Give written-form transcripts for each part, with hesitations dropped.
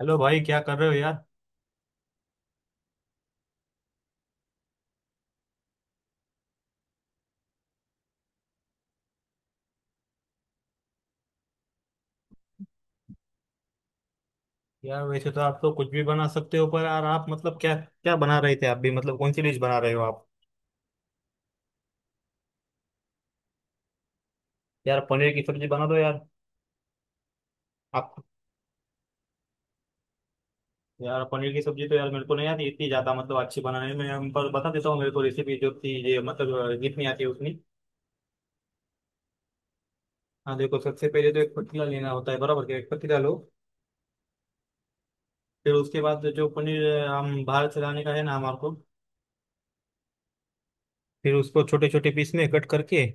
Hello भाई, क्या कर रहे हो यार। यार, वैसे तो आप तो कुछ भी बना सकते हो, पर यार आप मतलब क्या क्या बना रहे थे, आप भी मतलब कौन सी डिश बना रहे हो आप। यार, पनीर की सब्जी बना दो यार। आप। यार, पनीर की सब्जी तो यार मेरे को नहीं आती इतनी ज्यादा मतलब अच्छी बनाने में, हम पर बता देता हूँ मेरे को रेसिपी जो थी ये मतलब जितनी आती है उतनी। हाँ, देखो सबसे पहले तो एक पतीला लेना होता है, बराबर के एक पतीला लो। फिर उसके बाद जो पनीर हम बाहर से लाने का है ना हमारे को। फिर उसको छोटे छोटे पीस में कट करके,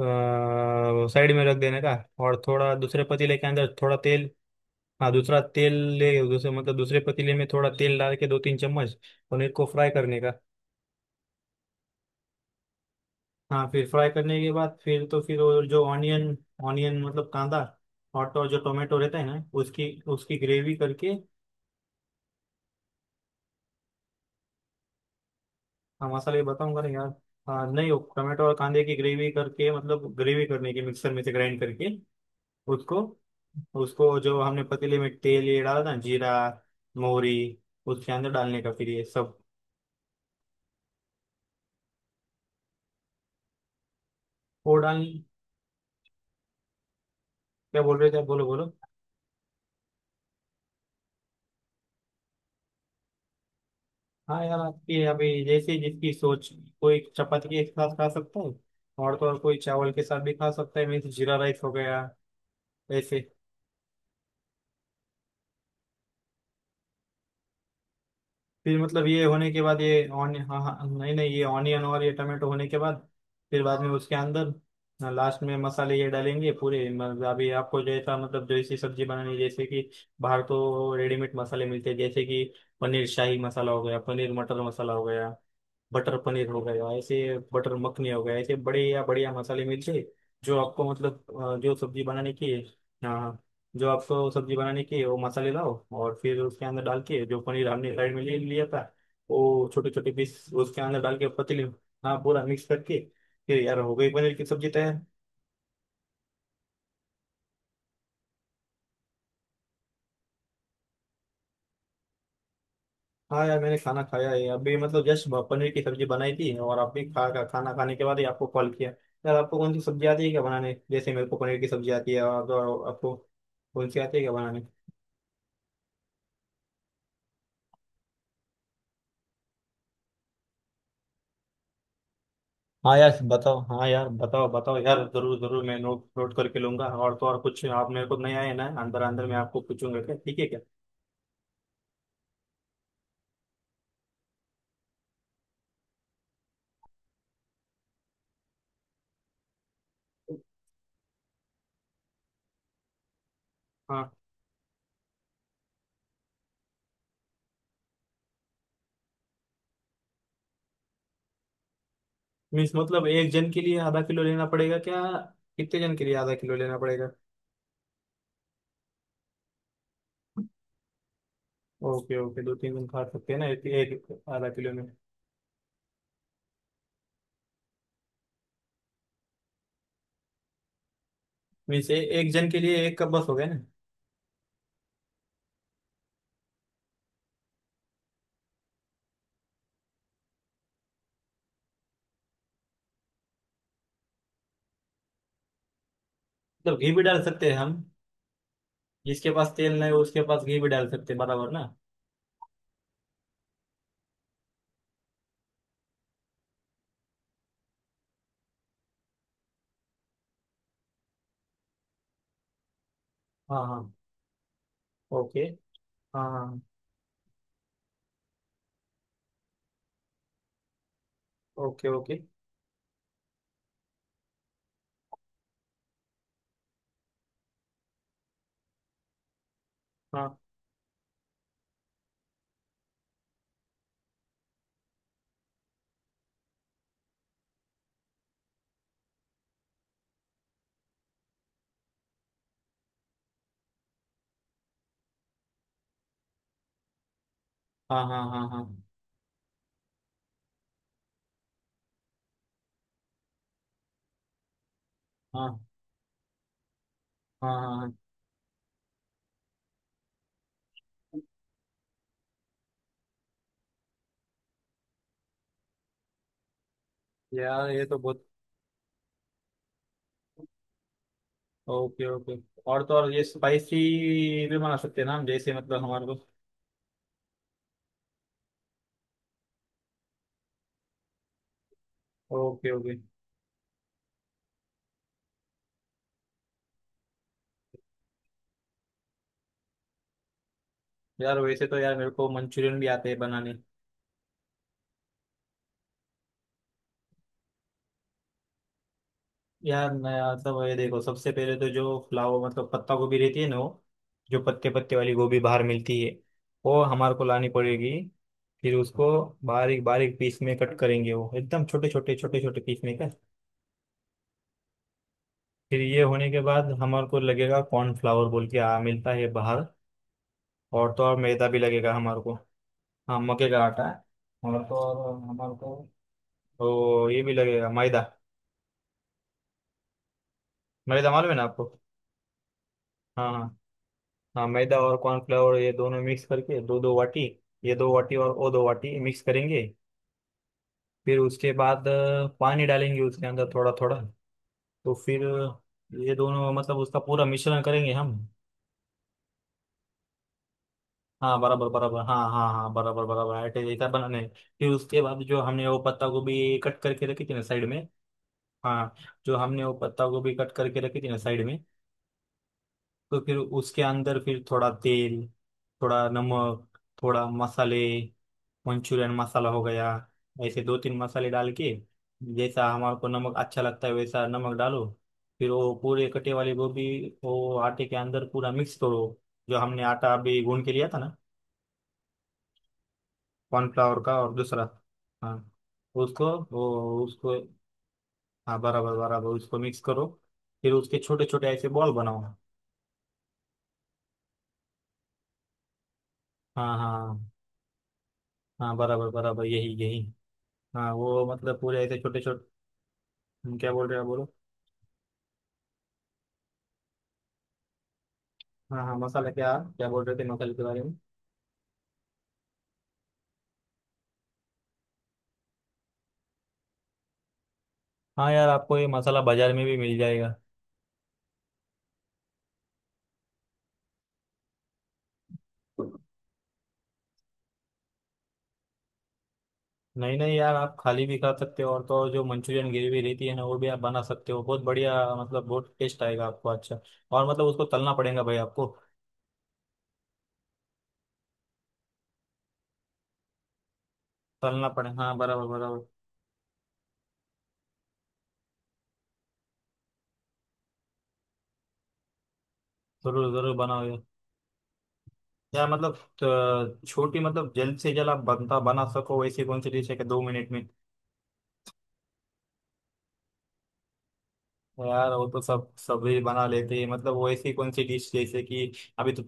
साइड में रख देने का। और थोड़ा दूसरे पतीले के अंदर थोड़ा तेल। हाँ, दूसरा तेल। ले, दूसरे मतलब दूसरे पतीले में थोड़ा तेल डाल के 2-3 चम्मच, पनीर को फ्राई करने का। हाँ, फिर फ्राई करने के बाद फिर तो फिर वो जो ऑनियन, ऑनियन मतलब कांदा। और तो और जो टोमेटो रहता है ना, उसकी उसकी ग्रेवी करके। हाँ, मसाले बताऊंगा ना यार। हाँ नहीं, वो टोमेटो और कांदे की ग्रेवी करके मतलब ग्रेवी करने की, मिक्सर में से ग्राइंड करके उसको। उसको जो हमने पतीले में तेल ये डाला ना जीरा, मोहरी, उसके अंदर डालने का फिर ये सब। वो डाल। क्या बोल रहे थे आप? बोलो, बोलो। हाँ यार, आपकी अभी जैसे जिसकी सोच। कोई चपाती के साथ खा सकता है। और तो और कोई चावल के साथ भी खा सकता है, मीन्स जीरा राइस हो गया। ऐसे। फिर मतलब ये होने के बाद ये ऑन हाँ हाँ नहीं नहीं, ये ऑनियन और ये टमाटो होने के बाद, फिर बाद में उसके अंदर, लास्ट में मसाले ये डालेंगे पूरे, मतलब अभी आपको जैसा मतलब जैसी सब्जी बनानी है, जैसे कि, बाहर तो रेडीमेड मसाले मिलते हैं, जैसे कि, पनीर शाही मसाला हो गया, पनीर मटर मसाला हो गया, बटर पनीर हो गया, ऐसे बटर मखनी हो गया, ऐसे बड़े या बढ़िया मसाले मिलते हैं, जो आपको मतलब जो सब्जी बनाने की है। हाँ हाँ। जो आपको सब्जी बनाने की है वो मसाले लाओ। और फिर उसके अंदर डाल के जो पनीर हमने साइड में ले लिया था, वो छोटे छोटे पीस उसके अंदर डाल के पतीली में, हाँ पूरा मिक्स करके, फिर यार हो गई पनीर की सब्जी तैयार। हाँ यार, मैंने खाना खाया है अभी, मतलब जस्ट पनीर की सब्जी बनाई थी और आपने खा खा- खाना खाने के बाद ही आपको कॉल किया। यार, आपको कौन सी सब्जी आती है क्या बनाने, जैसे मेरे को पनीर की सब्जी आती है, और आपको कौन सी आती है क्या बनाने। हाँ यार बताओ, हाँ यार बताओ बताओ, यार जरूर जरूर मैं नोट नोट करके लूंगा, और तो और कुछ आप मेरे को नहीं आए ना अंदर अंदर मैं आपको पूछूंगा क्या, ठीक है क्या। हाँ, मीन्स मतलब एक जन के लिए आधा किलो लेना पड़ेगा क्या, कितने जन के लिए आधा किलो लेना पड़ेगा। ओके ओके, दो तीन जन खा सकते हैं ना एक आधा किलो में। मीन्स एक जन के लिए एक कप बस हो गया ना। मतलब घी भी डाल सकते हैं हम। जिसके पास तेल नहीं उसके पास घी भी डाल सकते हैं, बराबर ना। हाँ हाँ। ओके। हाँ हाँ हाँ, ओके ओके। हाँ हाँ हाँ हाँ। हाँ हाँ हाँ हाँ। हाँ यार, ये तो बहुत। Okay okay. और तो और ये स्पाइसी भी बना सकते हैं ना हम, जैसे मतलब हमारे को। Okay okay. यार, वैसे तो यार मेरे को मंचूरियन भी आते हैं बनाने। यार मैं मतलब ये देखो, सबसे पहले तो जो फ्लावर मतलब पत्ता गोभी रहती है ना वो, जो पत्ते पत्ते वाली गोभी बाहर मिलती है, वो हमारे को लानी पड़ेगी। फिर उसको बारीक बारीक पीस में कट करेंगे, वो एकदम छोटे छोटे छोटे छोटे पीस में कट। फिर ये होने के बाद हमारे को लगेगा कॉर्नफ्लावर बोल के आ, मिलता है बाहर। और तो और मैदा भी लगेगा हमारे को। हाँ, मक्के का आटा है। और तो और हमारे को, तो ये भी लगेगा मैदा। मैदा मालूम है ना आपको। हाँ हाँ। हाँ, मैदा और कॉर्नफ्लावर ये दोनों मिक्स करके दो दो वाटी, ये दो वाटी और वो दो वाटी मिक्स करेंगे। फिर उसके बाद पानी डालेंगे उसके अंदर थोड़ा थोड़ा। तो फिर, ये दोनों मतलब उसका पूरा मिश्रण करेंगे हम। हाँ बराबर बराबर, हाँ हाँ हाँ, बराबर बराबर आटे जैसा बनाने हैं। फिर उसके बाद जो हमने वो पत्ता गोभी कट करके रखी थी ना साइड में। हाँ। जो हमने वो पत्ता गोभी कट करके रखी थी ना साइड में, तो फिर उसके अंदर फिर थोड़ा तेल, थोड़ा नमक, थोड़ा मसाले, मंचूरियन मसाला हो गया, ऐसे दो तीन मसाले डाल के, जैसा हमारे को नमक अच्छा लगता है वैसा नमक डालो। फिर वो पूरे कटे वाली गोभी, वो आटे के अंदर पूरा मिक्स करो, जो हमने आटा अभी गूंद के लिया था ना, कॉर्नफ्लावर का और दूसरा। हाँ। उसको। हाँ बराबर बराबर, उसको मिक्स करो। फिर उसके छोटे छोटे ऐसे बॉल बनाओ। हाँ हाँ हाँ, बराबर बराबर, यही यही। हाँ वो मतलब पूरे ऐसे छोटे छोटे। क्या बोल रहे हो आप, बोलो। हाँ हाँ, मसाला क्या क्या बोल रहे थे मसाले के बारे में। हाँ यार, आपको ये मसाला बाजार में भी मिल जाएगा। नहीं नहीं यार, आप खाली भी खा सकते हो, और तो और जो मंचूरियन ग्रेवी रहती है ना वो भी आप बना सकते हो, बहुत बढ़िया मतलब बहुत टेस्ट आएगा आपको अच्छा। और मतलब उसको तलना पड़ेगा भाई आपको। तलना पड़े हाँ, बराबर बराबर। जरूर जरूर बनाओ यार। यार मतलब, छोटी मतलब जल्द से जल्द आप बनता बना सको वैसी कौन सी डिश है कि 2 मिनट में। यार वो तो सब सभी बना लेते हैं, मतलब वो ऐसी कौन सी डिश जैसे कि, अभी तो।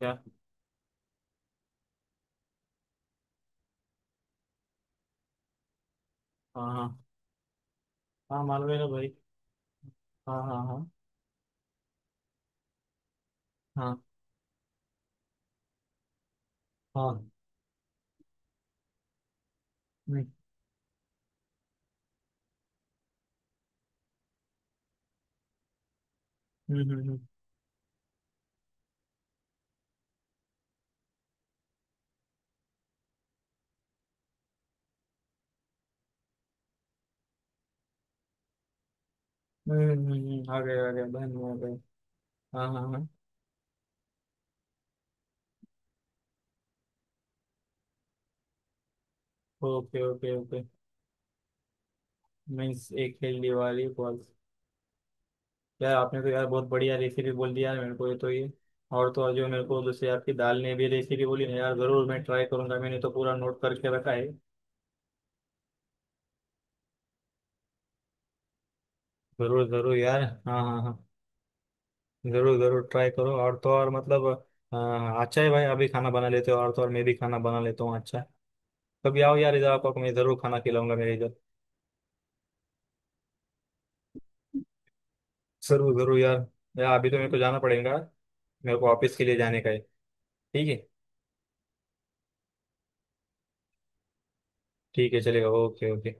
क्या? हाँ हाँ हाँ, मालूम है ना भाई। हाँ हाँ हाँ हाँ हाँ। हम्म हम्म हम्म आ गए बहन आ गए। हाँ हाँ हाँ। Okay okay okay. मीन्स एक हेल्दी वाली बॉल। यार, आपने तो यार बहुत बढ़िया रेसिपी बोल दी यार मेरे को, ये तो ये। और तो और जो मेरे को दूसरी आपकी दाल ने भी रेसिपी बोली ना यार, जरूर मैं ट्राई करूंगा, मैंने तो पूरा नोट करके रखा है। जरूर जरूर यार, हाँ हाँ हाँ। जरूर जरूर ट्राई करो, और तो और मतलब, अच्छा है भाई अभी खाना बना लेते हो और तो और मैं भी खाना बना लेता हूँ अच्छा है। कभी आओ यार इधर, आपको मैं जरूर खाना खिलाऊंगा मेरे इधर। जरूर जरूर यार। यार अभी तो मेरे को जाना पड़ेगा। मेरे को ऑफिस के लिए जाने का है। ठीक है। ठीक है, चलेगा, ओके ओके।